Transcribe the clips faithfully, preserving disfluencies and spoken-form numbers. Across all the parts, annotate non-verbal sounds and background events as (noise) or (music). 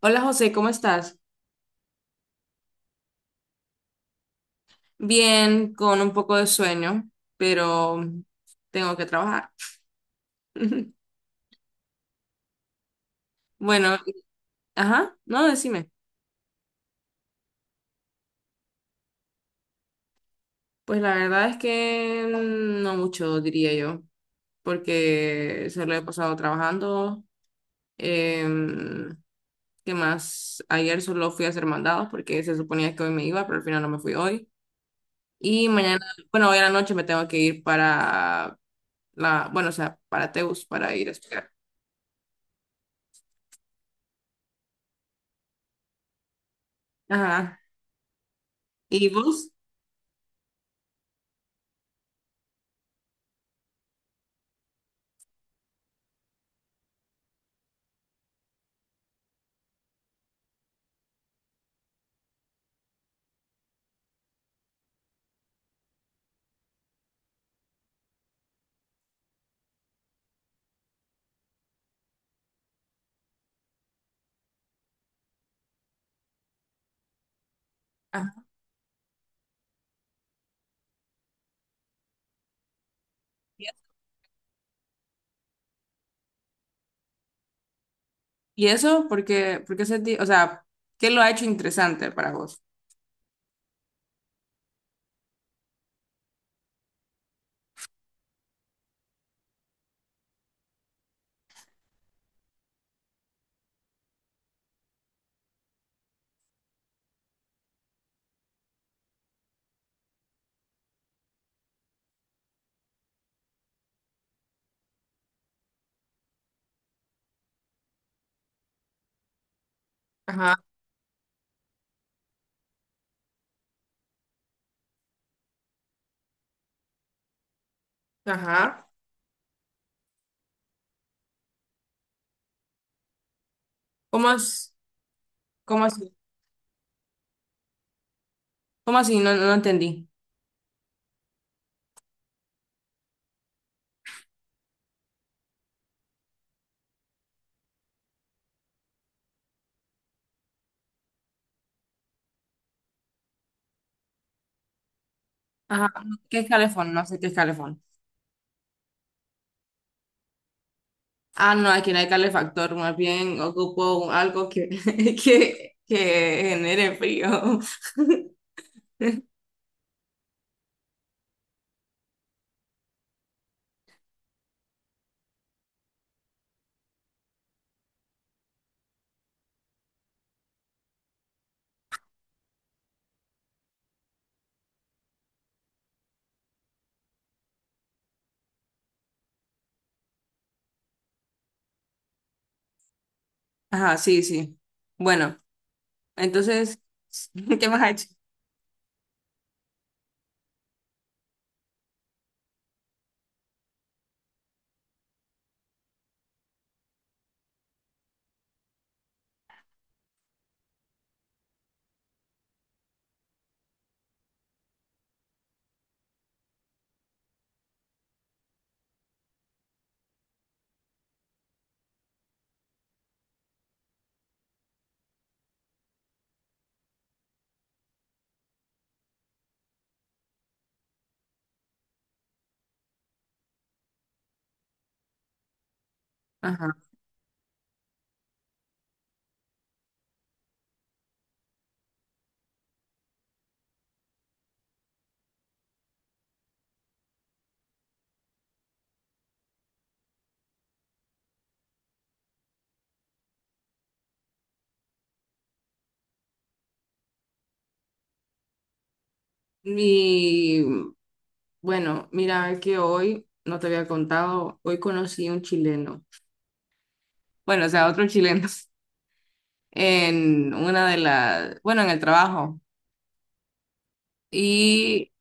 Hola José, ¿cómo estás? Bien, con un poco de sueño, pero tengo que trabajar. (laughs) Bueno, ajá, no, decime. Pues la verdad es que mm, no mucho, diría yo, porque se lo he pasado trabajando. Em, ¿Qué más? Ayer solo fui a hacer mandados porque se suponía que hoy me iba, pero al final no me fui hoy. Y mañana, bueno, hoy a la noche me tengo que ir para la, bueno, o sea, para Teus, para ir a estudiar. Ajá. ¿Y vos? Ajá. ¿Y eso? porque porque se ti- o sea, ¿qué lo ha hecho interesante para vos? Ajá, ajá. ¿Cómo as- cómo así? ¿Cómo así? No, no entendí. Ajá. ¿Qué es calefón? No sé qué es calefón. Ah, no, aquí no hay calefactor, más bien ocupo un- algo que, (laughs) que, que genere frío. Ajá, sí, sí. Bueno, entonces, (laughs) ¿qué más ha hecho? Ajá. Y bueno, mira que hoy, no te había contado, hoy conocí un chileno. Bueno, o sea, otro chileno. en una de las, bueno, en el trabajo. Y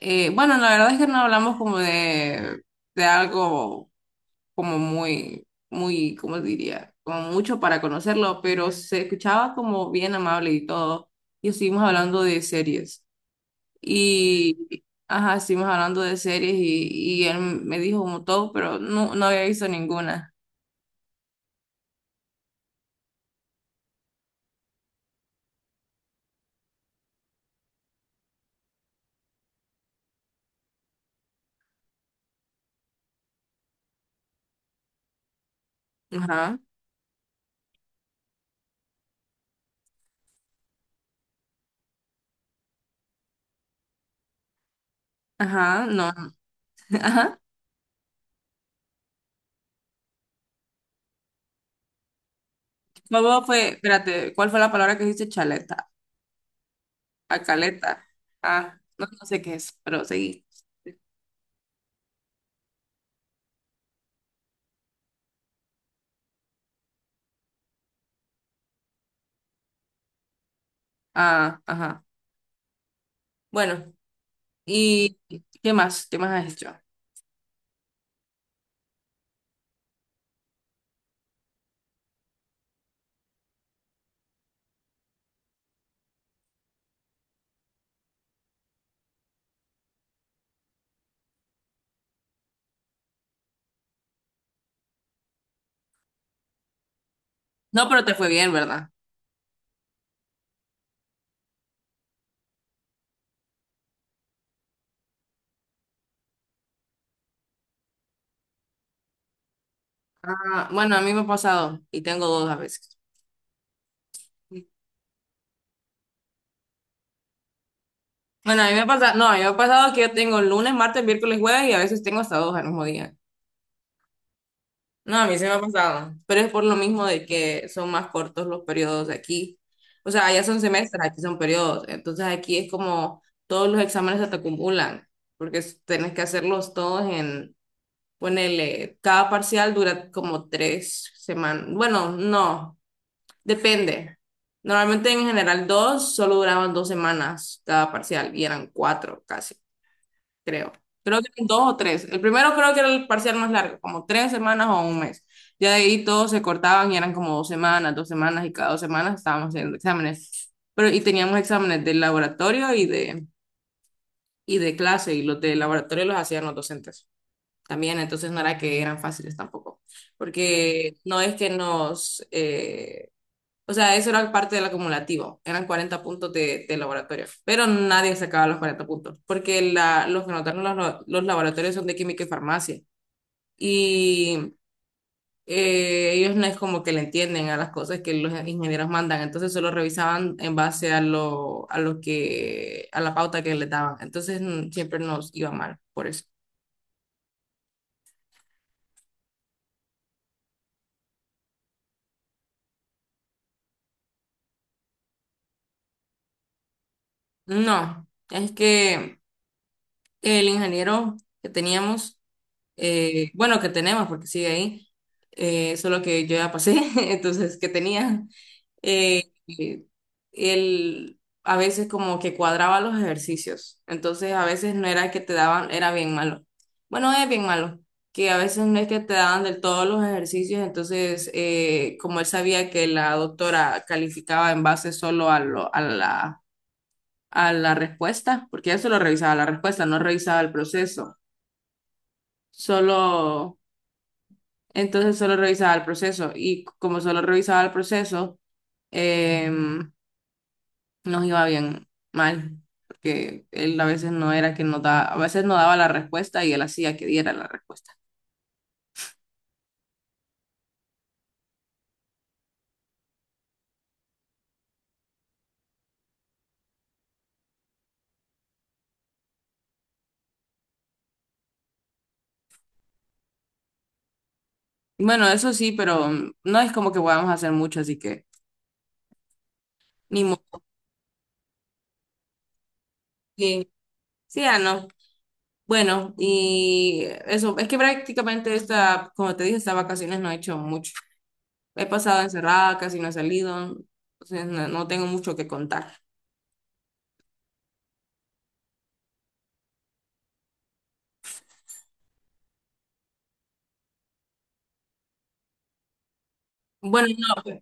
eh, bueno, la verdad es que no hablamos como de, de algo como muy, muy, ¿cómo diría? Como mucho para conocerlo, pero se escuchaba como bien amable y todo. Y estuvimos hablando de series. Y, ajá, estuvimos hablando de series y, y él me dijo como todo, pero no, no había visto ninguna. Ajá, ajá, no, (laughs) ajá. ¿Cómo fue? Espérate, ¿cuál fue la palabra que dijiste? Chaleta. A caleta. Ah, no, no sé qué es, pero sí. Ah, ajá. Bueno, ¿y qué más? ¿Qué más has hecho? No, pero te fue bien, ¿verdad? Ah, bueno, a mí me ha pasado y tengo dos a veces. Bueno, a mí me ha pasado, no, a mí me ha pasado que yo tengo lunes, martes, miércoles, jueves y a veces tengo hasta dos al mismo día. No, a mí se me ha pasado, pero es por lo mismo de que son más cortos los periodos de aquí. O sea, allá son semestres, aquí son periodos. Entonces aquí es como todos los exámenes se te acumulan, porque es- tenés que hacerlos todos en. Ponele, cada parcial dura como tres semanas. Bueno, no, depende. Normalmente en general dos, solo duraban dos semanas cada parcial y eran cuatro casi, creo. Creo que eran dos o tres. El primero creo que era el parcial más largo, como tres semanas o un mes. Ya de ahí todos se cortaban y eran como dos semanas, dos semanas y cada dos semanas estábamos haciendo exámenes. Pero y teníamos exámenes de laboratorio y de, y de clase y los de laboratorio los hacían los docentes también, entonces no era que eran fáciles tampoco, porque no es que nos, eh, o sea, eso era parte del acumulativo, eran cuarenta puntos de, de laboratorio, pero nadie sacaba los cuarenta puntos, porque la, los que notaron los, los laboratorios son de química y farmacia, y eh, ellos no es como que le entienden a las cosas que los ingenieros mandan, entonces solo revisaban en base a lo, a lo que, a la pauta que les daban, entonces mm, siempre nos iba mal por eso. No, es que... El ingeniero que teníamos, eh, bueno, que tenemos porque sigue ahí, eh, solo que yo ya pasé, (laughs) entonces que tenía, eh, eh, él a veces como que cuadraba los ejercicios, entonces a veces no era que te daban, era bien malo. Bueno, es bien malo, que a veces no es que te daban del todo los ejercicios, entonces eh, como él sabía que la doctora calificaba en base solo a, lo, a la, a la respuesta, porque eso lo revisaba la respuesta, no revisaba el proceso solo, entonces solo revisaba el proceso y como solo revisaba el proceso, em, nos iba bien mal, porque él a veces no era que nos daba, a veces no daba la respuesta y él hacía que diera la respuesta. Bueno, eso sí, pero mm, no es como que podamos hacer mucho, así que ni modo. Sí, sí, ah, no. Bueno, y eso, es que prácticamente esta, como te dije, estas vacaciones no he hecho mucho. He pasado encerrada, casi no he salido, entonces no no tengo mucho que contar. Bueno, no,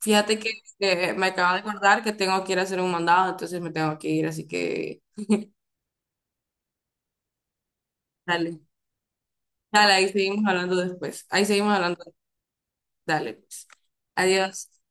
fíjate que eh, me acaba de acordar que tengo que ir a hacer un mandado, entonces me tengo que ir, así que dale, dale, ahí seguimos hablando después, ahí seguimos hablando, dale, pues. Adiós.